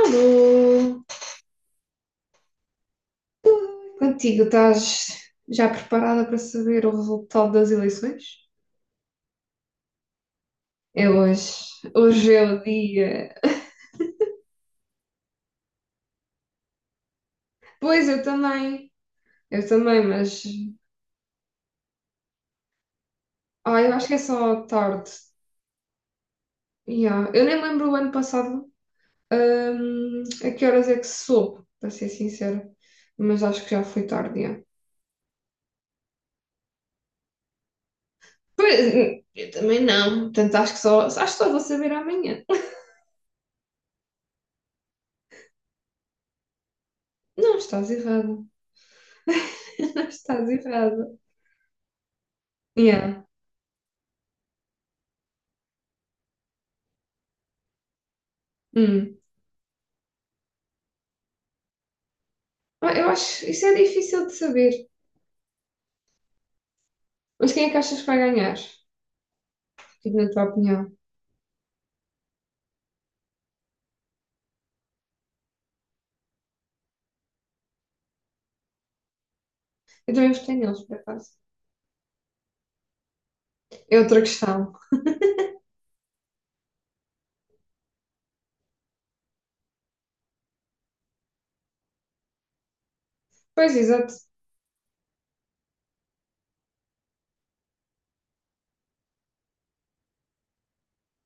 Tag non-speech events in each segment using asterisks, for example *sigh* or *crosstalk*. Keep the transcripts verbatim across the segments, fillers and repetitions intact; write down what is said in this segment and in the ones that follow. Alô! Contigo, estás já preparada para saber o resultado das eleições? É hoje. Hoje é o dia. Pois, eu também. Eu também, mas. Ah, eu acho que é só tarde. Yeah. Eu nem lembro o ano passado, hum, a que horas é que se soube, para ser sincera. Mas acho que já foi tarde, yeah. Pois, eu também não. Portanto, acho que só, acho que só vou saber amanhã. Não estás errado. *laughs* Não estás errado. Yeah. Hum. Ah, eu acho, isso é difícil de saber. Mas quem é que achas que vai ganhar? Tipo, na tua opinião. Eu também votei neles, por acaso. É outra questão. Pois, exato.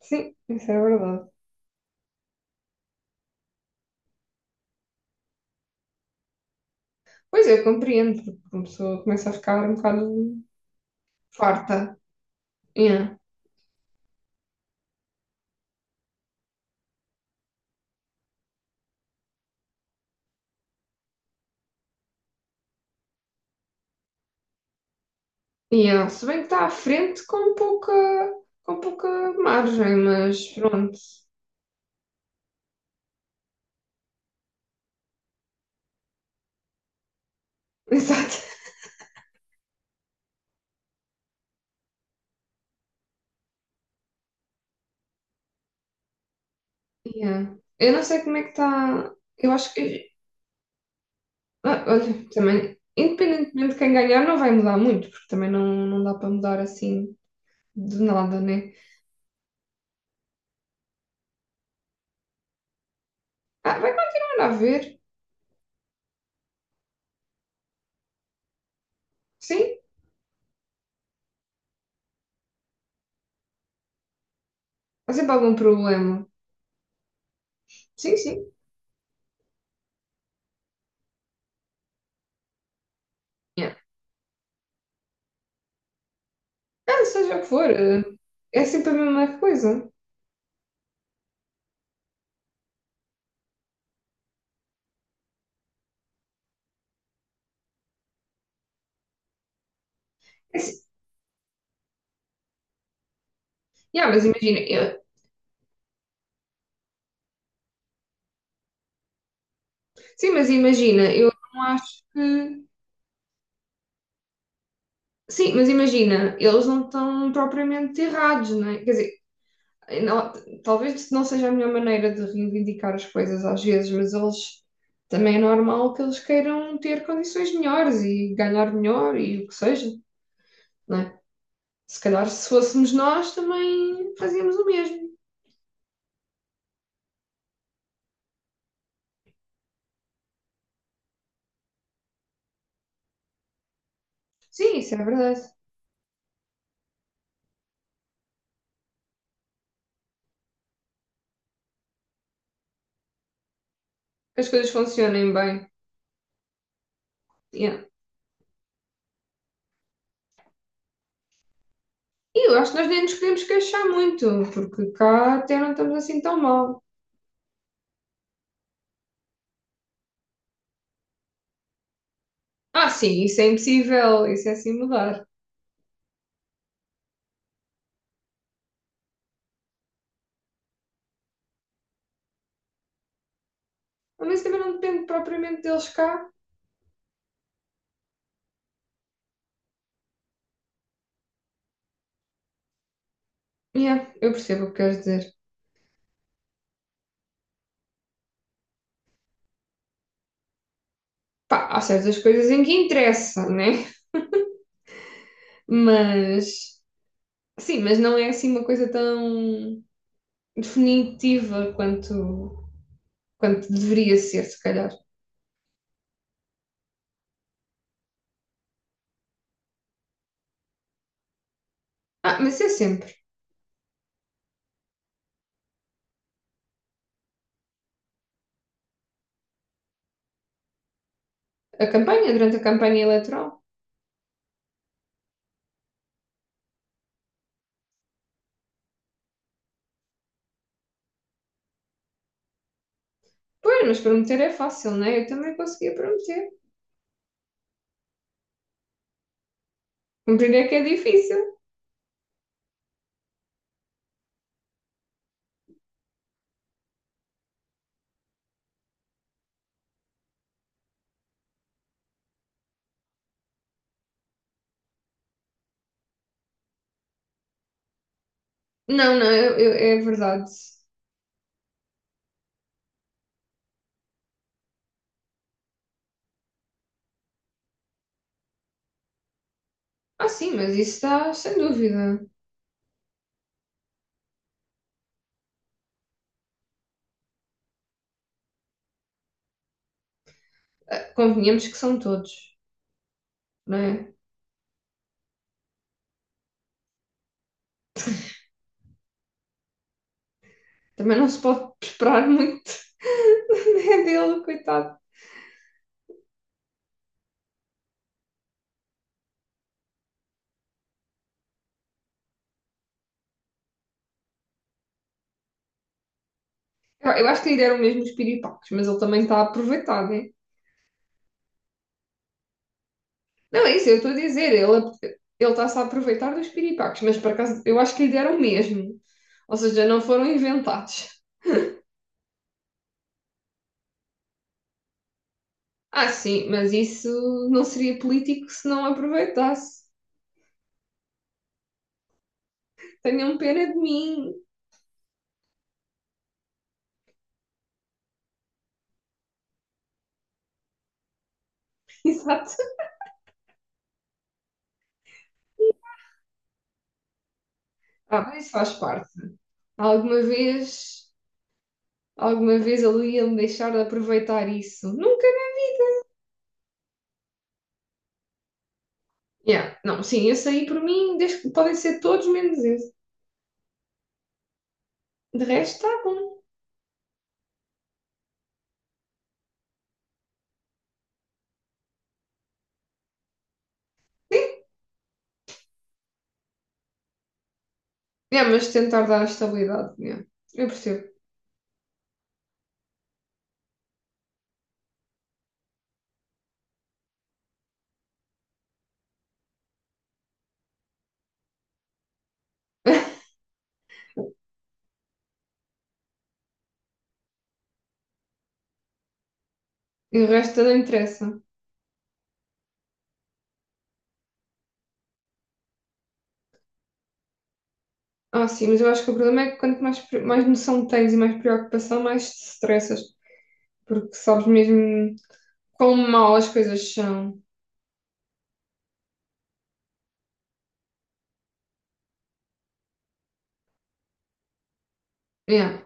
Sim, isso é verdade. Pois, eu compreendo, porque uma pessoa começa a ficar um bocado farta. Yeah. Yeah. Se bem que está à frente com pouca, com pouca margem, mas pronto. *laughs* Exato. Yeah. Eu não sei como é que está. Eu acho que Ah, olha, também, independentemente de quem ganhar, não vai mudar muito, porque também não, não dá para mudar assim de nada, né? Ah, vai continuar a haver, sim, há sempre algum problema. Sim, sim. Yeah. Ah, seja o que for, eh, é sempre a mesma coisa. É, assim- yeah, mas imagina, eu, sim, mas imagina, eu não acho que. Sim, mas imagina, eles não estão propriamente errados, né? Quer dizer, eh, não- talvez não seja a melhor maneira de reivindicar as coisas às vezes, mas eles também é normal que eles queiram ter condições melhores e ganhar melhor e o que seja, não é? Se calhar se fôssemos nós também fazíamos o mesmo. Sim, isso é verdade. Que as coisas funcionem bem. Yeah. E eu acho que nós nem nos podemos queixar muito, porque cá até não estamos assim tão mal. Ah, sim, isso é impossível, isso é assim mudar. Mas isso também não depende propriamente deles cá. Yeah, eu percebo o que queres dizer. Pá, há certas coisas em que interessa, né? Mas, sim, mas não é assim uma coisa tão definitiva quanto, quanto deveria ser, se calhar. Ah, mas é sempre. A campanha, durante a campanha eleitoral. Pois, mas prometer é fácil, né? Eu também conseguia prometer. Cumprir é que é difícil. Não, não, eu- eu- é verdade. Ah, sim, mas isso está sem dúvida. Ah, convenhamos que são todos, não é? Também não se pode esperar muito *laughs* né, dele, coitado. Eu, eu acho que lhe deram mesmo os piripaques, mas ele também está a aproveitar, né? Não, é isso, eu estou a dizer, ele ele está-se a aproveitar dos piripaques, mas por acaso eu acho que lhe deram mesmo. Ou seja, não foram inventados. Ah, sim, mas isso não seria político se não aproveitasse. Tenham pena de mim. *laughs* Exato. Ah, mas isso faz parte. Alguma vez, alguma vez ele ia me deixar de aproveitar isso. Nunca, né? Yeah. Não, sim, esse aí por mim, desde que podem ser todos menos esse. De resto, está bom. É, mas tentar dar estabilidade, yeah. Eu percebo. *laughs* E o resto não interessa. Ah, sim, mas eu acho que o problema é que quanto mais, pre- mais noção tens e mais preocupação, mais te estressas, porque sabes mesmo quão mal as coisas são. Yeah.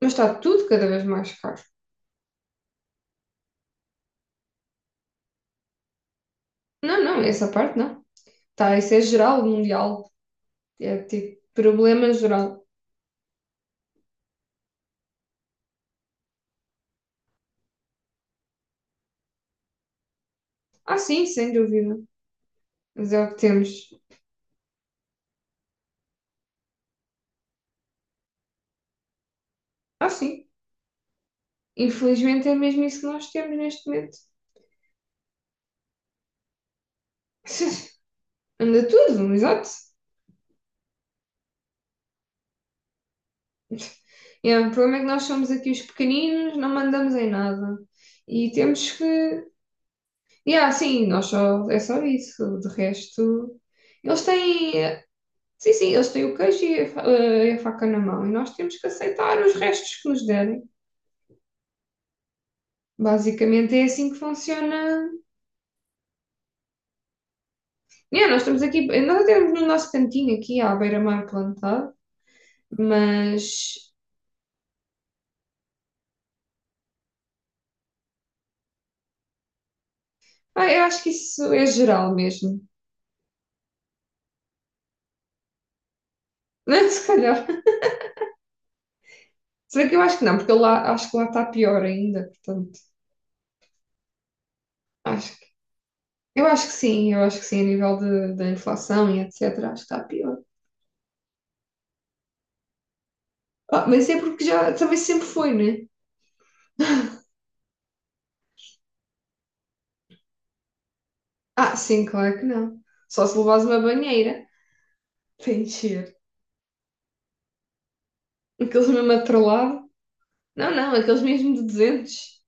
Mas está tudo cada vez mais caro. Não, não, essa parte não. Tá, isso é geral, mundial. É tipo problema geral. Ah, sim, sem dúvida. Mas é o que temos. Ah, sim. Infelizmente é mesmo isso que nós temos neste momento. *laughs* Anda tudo, exato. É, o problema é que nós somos aqui os pequeninos, não mandamos em nada. E temos que. E ah sim, nós só. É só isso. De resto, eles têm. Sim, sim, eles têm o queijo e a, fa- eh, a faca na mão. E nós temos que aceitar os restos que nos derem. Basicamente é assim que funciona. Yeah, nós estamos aqui. Nós até temos no nosso cantinho aqui, à beira-mar plantado. Mas. Ah, eu acho que isso é geral mesmo. *laughs* Se calhar. Será que eu acho que não? Porque lá, acho que lá está pior ainda. Portanto. Acho Eu acho que sim, eu acho que sim, a nível de, da inflação e etcétera. Acho que está pior. Ah, mas é porque já também sempre foi, né? Ah, sim, claro que não. Só se levares uma banheira para encher. Aqueles mesmo atrolado. Não, não, aqueles mesmo de duzentos.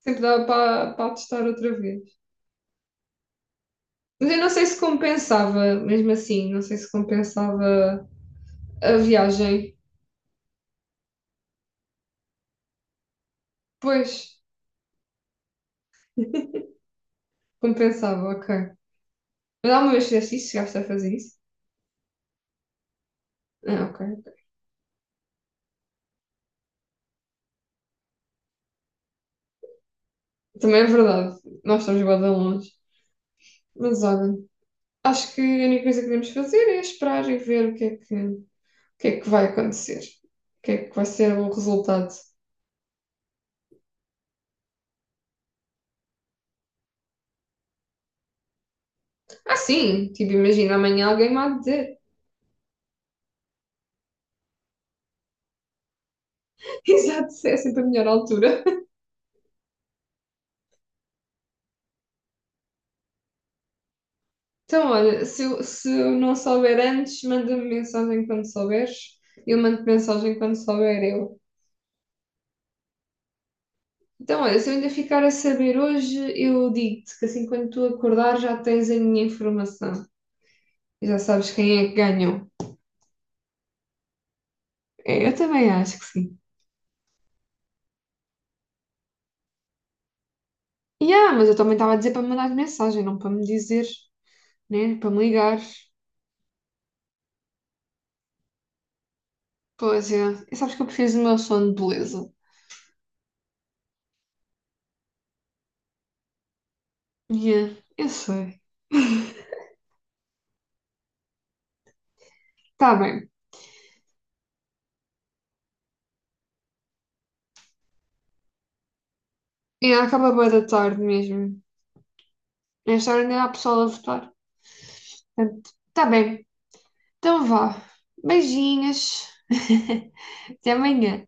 Sempre dava para, para testar outra vez. Mas eu não sei se compensava, mesmo assim, não sei se compensava a viagem. Pois, compensava, ok. Mas alguma vez fizeste isso? Chegaste a fazer isso? Ah, ok. Também é verdade, nós estamos bem longe. Mas olha. Acho que a única coisa que devemos fazer é esperar e ver o que é que, o que é que vai acontecer. O que é que vai ser o resultado. Ah, sim, tipo, imagina amanhã alguém me há de dizer. *laughs* Exato, é sempre a melhor altura. Então, olha, se eu, se eu não souber antes, manda-me mensagem quando souberes. Eu mando mensagem quando souber eu. Então, olha, se eu ainda ficar a saber hoje, eu digo-te que assim quando tu acordar já tens a minha informação. E já sabes quem é que ganhou. É, eu também acho que sim. Yeah, mas eu também estava a dizer para me mandar mensagem, não para me dizer, né? Para me ligar. Pois é. E sabes que eu preciso do meu sono de beleza. Yeah, eu sei. Tá bem. E acaba bem da tarde mesmo. Nesta hora ainda há pessoal a votar. Portanto, tá bem. Então vá. Beijinhos. *laughs* Até amanhã.